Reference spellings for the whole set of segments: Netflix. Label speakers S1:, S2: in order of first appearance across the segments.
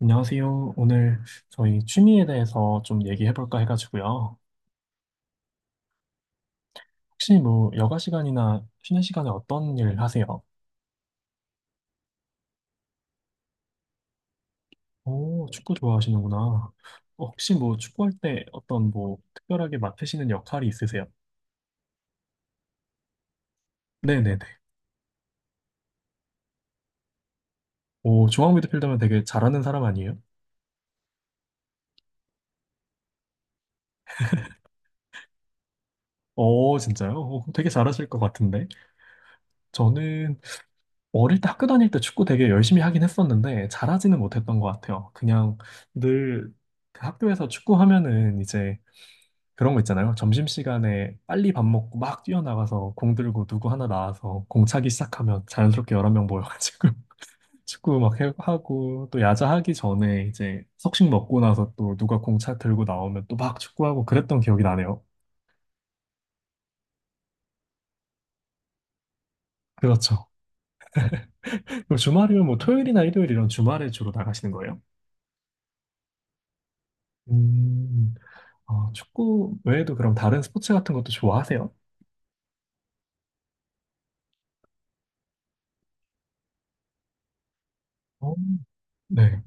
S1: 안녕하세요. 오늘 저희 취미에 대해서 좀 얘기해 볼까 해가지고요. 혹시 뭐 여가 시간이나 쉬는 시간에 어떤 일 하세요? 오, 축구 좋아하시는구나. 어, 혹시 뭐 축구할 때 어떤 뭐 특별하게 맡으시는 역할이 있으세요? 네네네. 오, 중앙 미드필더면 되게 잘하는 사람 아니에요? 오, 진짜요? 오, 그럼 되게 잘하실 것 같은데. 저는 어릴 때 학교 다닐 때 축구 되게 열심히 하긴 했었는데 잘하지는 못했던 것 같아요. 그냥 늘 그 학교에서 축구하면은 이제 그런 거 있잖아요. 점심시간에 빨리 밥 먹고 막 뛰어나가서 공 들고 누구 하나 나와서 공 차기 시작하면 자연스럽게 여러 명 모여가지고 축구 막 하고 또 야자 하기 전에 이제 석식 먹고 나서 또 누가 공차 들고 나오면 또 막 축구하고 그랬던 기억이 나네요. 그렇죠. 그럼 주말이면 뭐 토요일이나 일요일 이런 주말에 주로 나가시는 거예요? 음, 아, 축구 외에도 그럼 다른 스포츠 같은 것도 좋아하세요? 어, 네.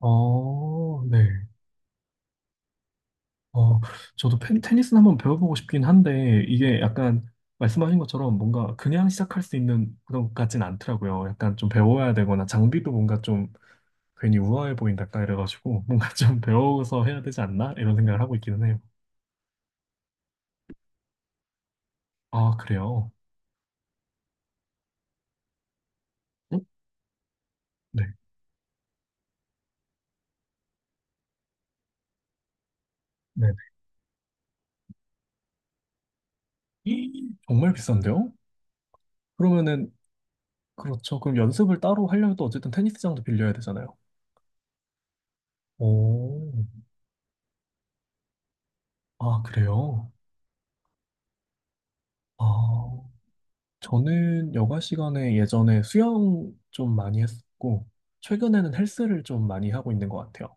S1: 어, 네. 어, 저도 테니스는 한번 배워보고 싶긴 한데, 이게 약간 말씀하신 것처럼 뭔가 그냥 시작할 수 있는 그런 것 같진 않더라고요. 약간 좀 배워야 되거나 장비도 뭔가 좀 괜히 우아해 보인다, 약간 이래가지고 뭔가 좀 배워서 해야 되지 않나? 이런 생각을 하고 있기는 해요. 아, 그래요? 응? 네. 네. 이, 정말 비싼데요? 그러면은, 그렇죠. 그럼 연습을 따로 하려면 또 어쨌든 테니스장도 빌려야 되잖아요. 오, 아, 그래요? 아. 저는 여가 시간에 예전에 수영 좀 많이 했었고, 최근에는 헬스를 좀 많이 하고 있는 것 같아요.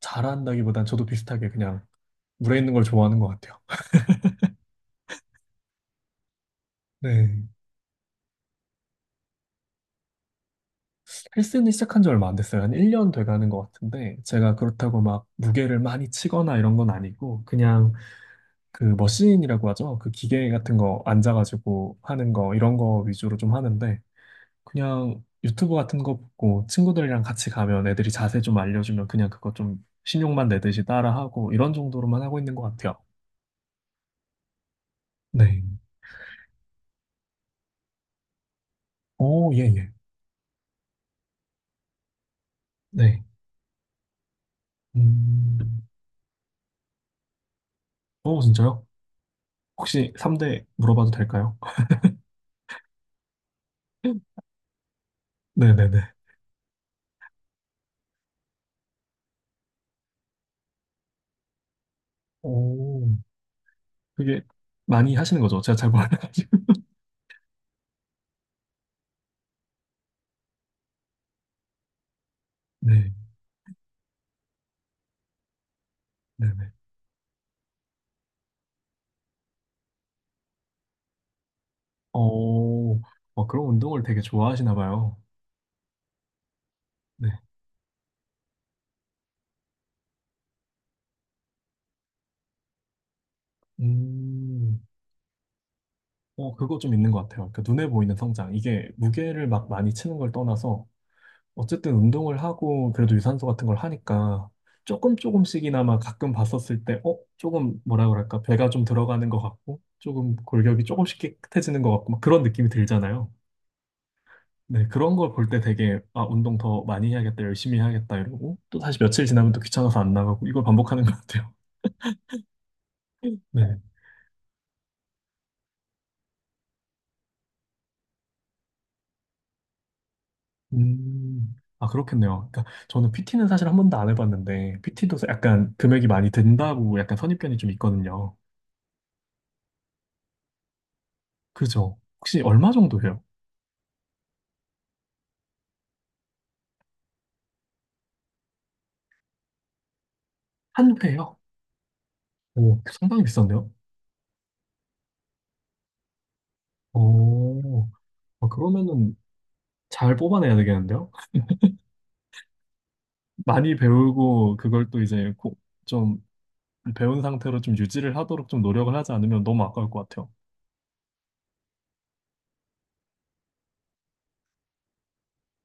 S1: 잘한다기보단 저도 비슷하게 그냥 물에 있는 걸 좋아하는 것 같아요. 네. 헬스는 시작한 지 얼마 안 됐어요. 한 1년 돼 가는 것 같은데, 제가 그렇다고 막 무게를 많이 치거나 이런 건 아니고, 그냥 그 머신이라고 하죠. 그 기계 같은 거 앉아가지고 하는 거, 이런 거 위주로 좀 하는데, 그냥 유튜브 같은 거 보고 친구들이랑 같이 가면 애들이 자세 좀 알려주면 그냥 그거 좀 신용만 내듯이 따라하고 이런 정도로만 하고 있는 것 같아요. 네. 오, 예, 예. 네. 음. 오, 진짜요? 혹시 3대 물어봐도 될까요? 네네네. 오, 그게 많이 하시는 거죠? 제가 잘 몰라가지고. 네, 네네. 오, 어, 그런 운동을 되게 좋아하시나 봐요. 네. 음, 어, 그거 좀 있는 것 같아요. 그러니까 눈에 보이는 성장. 이게 무게를 막 많이 치는 걸 떠나서 어쨌든 운동을 하고 그래도 유산소 같은 걸 하니까 조금 조금씩이나마 가끔 봤었을 때, 어? 조금 뭐라 그럴까? 배가 좀 들어가는 것 같고, 조금 골격이 조금씩 깨끗해지는 것 같고, 막 그런 느낌이 들잖아요. 네, 그런 걸 볼 때 되게, 아, 운동 더 많이 해야겠다, 열심히 해야겠다, 이러고, 또 다시 며칠 지나면 또 귀찮아서 안 나가고, 이걸 반복하는 것 같아요. 네. 음, 아, 그렇겠네요. 그러니까 저는 PT는 사실 한 번도 안 해봤는데, PT도 약간 금액이 많이 든다고 약간 선입견이 좀 있거든요. 그죠? 혹시 얼마 정도 해요? 한 회요? 오, 상당히 비싼데요? 오, 아, 그러면은 잘 뽑아내야 되겠는데요? 많이 배우고 그걸 또 이제 꼭 좀 배운 상태로 좀 유지를 하도록 좀 노력을 하지 않으면 너무 아까울 것 같아요.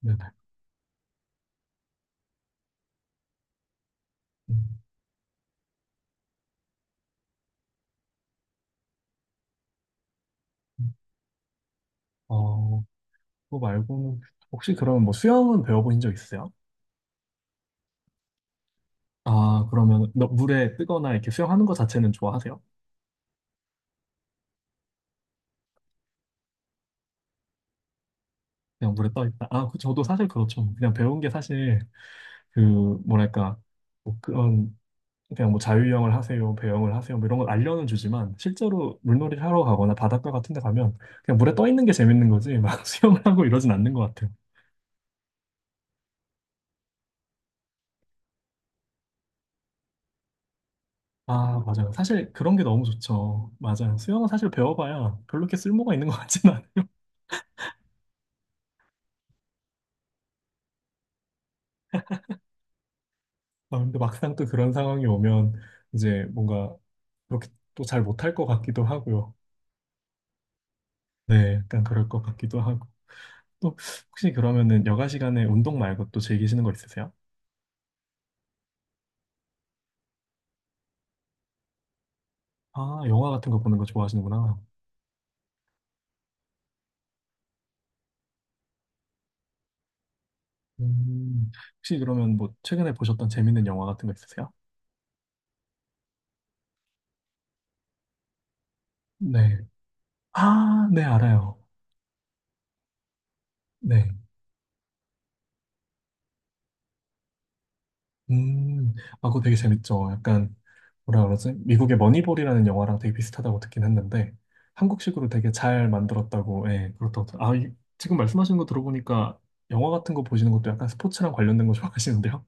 S1: 네네. 음, 음. 어, 그거 말고는 혹시 그러면 뭐 수영은 배워보신 적 있으세요? 아, 그러면 물에 뜨거나 이렇게 수영하는 거 자체는 좋아하세요? 그냥 물에 떠 있다. 아, 저도 사실 그렇죠. 그냥 배운 게 사실 그 뭐랄까 뭐 그런 그냥 뭐 자유형을 하세요, 배영을 하세요, 뭐 이런 걸 알려는 주지만 실제로 물놀이를 하러 가거나 바닷가 같은 데 가면 그냥 물에 떠 있는 게 재밌는 거지 막 수영을 하고 이러진 않는 것 같아요. 아, 맞아요. 사실 그런 게 너무 좋죠. 맞아요. 수영은 사실 배워봐야 별로 이렇게 쓸모가 있는 것 같진 않아요. 아, 근데 막상 또 그런 상황이 오면 이제 뭔가 그렇게 또 잘 못할 것 같기도 하고요. 네, 약간 그럴 것 같기도 하고. 또 혹시 그러면은 여가 시간에 운동 말고 또 즐기시는 거 있으세요? 아, 영화 같은 거 보는 거 좋아하시는구나. 음, 혹시 그러면 뭐 최근에 보셨던 재밌는 영화 같은 거 있으세요? 네. 아, 네, 알아요. 네. 음, 아, 그거 되게 재밌죠. 약간, 뭐라 그러지? 미국의 머니볼이라는 영화랑 되게 비슷하다고 듣긴 했는데, 한국식으로 되게 잘 만들었다고, 예, 그렇다고. 지금 말씀하신 거 들어보니까 영화 같은 거 보시는 것도 약간 스포츠랑 관련된 거 좋아하시는데요?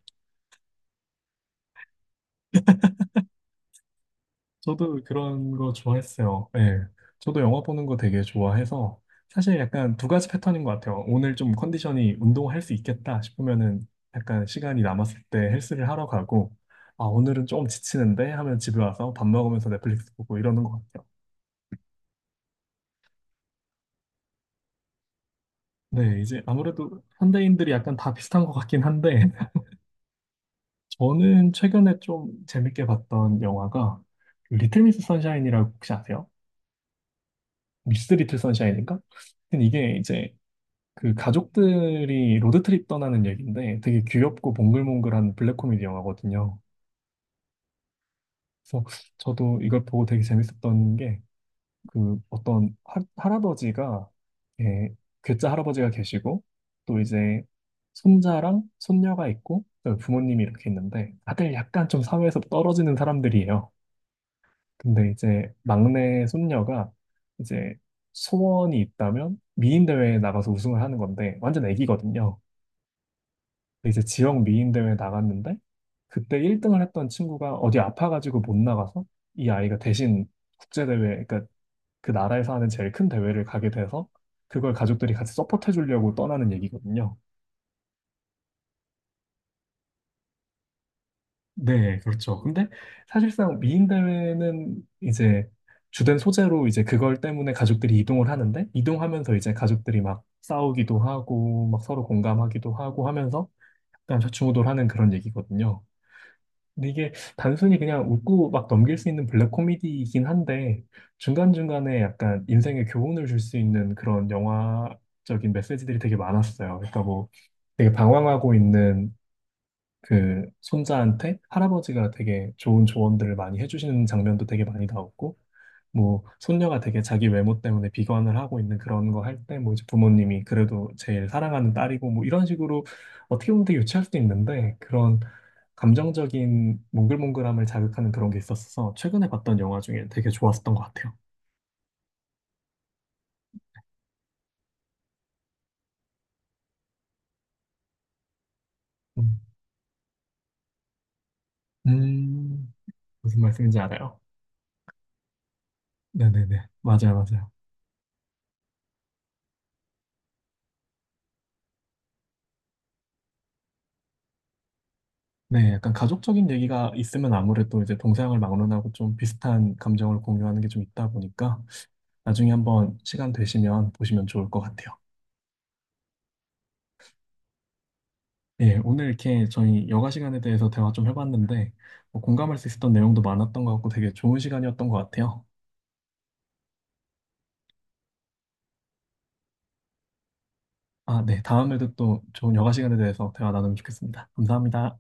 S1: 저도 그런 거 좋아했어요. 예. 저도 영화 보는 거 되게 좋아해서 사실 약간 두 가지 패턴인 것 같아요. 오늘 좀 컨디션이 운동할 수 있겠다 싶으면은 약간 시간이 남았을 때 헬스를 하러 가고 아, 오늘은 좀 지치는데 하면 집에 와서 밥 먹으면서 넷플릭스 보고 이러는 것 같아요. 네, 이제 아무래도 현대인들이 약간 다 비슷한 것 같긴 한데 저는 최근에 좀 재밌게 봤던 영화가 리틀 미스 선샤인이라고 혹시 아세요? 미스 리틀 선샤인인가? 근데 이게 이제 그 가족들이 로드트립 떠나는 얘기인데 되게 귀엽고 몽글몽글한 블랙 코미디 영화거든요. 그래서 저도 이걸 보고 되게 재밌었던 게 그 어떤 할아버지가 예, 괴짜 할아버지가 계시고 또 이제 손자랑 손녀가 있고 또 부모님이 이렇게 있는데 다들 약간 좀 사회에서 떨어지는 사람들이에요. 근데 이제 막내 손녀가 이제 소원이 있다면 미인 대회에 나가서 우승을 하는 건데 완전 애기거든요. 이제 지역 미인 대회 나갔는데 그때 1등을 했던 친구가 어디 아파가지고 못 나가서 이 아이가 대신 국제 대회 그러니까 그 나라에서 하는 제일 큰 대회를 가게 돼서 그걸 가족들이 같이 서포트해 주려고 떠나는 얘기거든요. 네, 그렇죠. 근데 사실상 미인 대회는 이제 주된 소재로 이제 그걸 때문에 가족들이 이동을 하는데 이동하면서 이제 가족들이 막 싸우기도 하고 막 서로 공감하기도 하고 하면서 약간 좌충우돌하는 그런 얘기거든요. 근데 이게 단순히 그냥 웃고 막 넘길 수 있는 블랙 코미디이긴 한데 중간중간에 약간 인생의 교훈을 줄 수 있는 그런 영화적인 메시지들이 되게 많았어요. 그러니까 뭐 되게 방황하고 있는 그 손자한테 할아버지가 되게 좋은 조언들을 많이 해주시는 장면도 되게 많이 나왔고, 뭐 손녀가 되게 자기 외모 때문에 비관을 하고 있는 그런 거 할 때 뭐 이제 부모님이 그래도 제일 사랑하는 딸이고 뭐 이런 식으로 어떻게 보면 되게 유치할 수도 있는데 그런 감정적인 몽글몽글함을 자극하는 그런 게 있었어서 최근에 봤던 영화 중에 되게 좋았었던 것 같아요. 음, 음, 무슨 말씀인지 알아요? 네네네. 맞아요, 맞아요. 네, 약간 가족적인 얘기가 있으면 아무래도 이제 동서양을 막론하고 좀 비슷한 감정을 공유하는 게 좀 있다 보니까 나중에 한번 시간 되시면 보시면 좋을 것 같아요. 예, 오늘 이렇게 저희 여가 시간에 대해서 대화 좀 해봤는데 뭐 공감할 수 있었던 내용도 많았던 것 같고 되게 좋은 시간이었던 것 같아요. 아, 네, 다음에도 또 좋은 여가 시간에 대해서 대화 나누면 좋겠습니다. 감사합니다.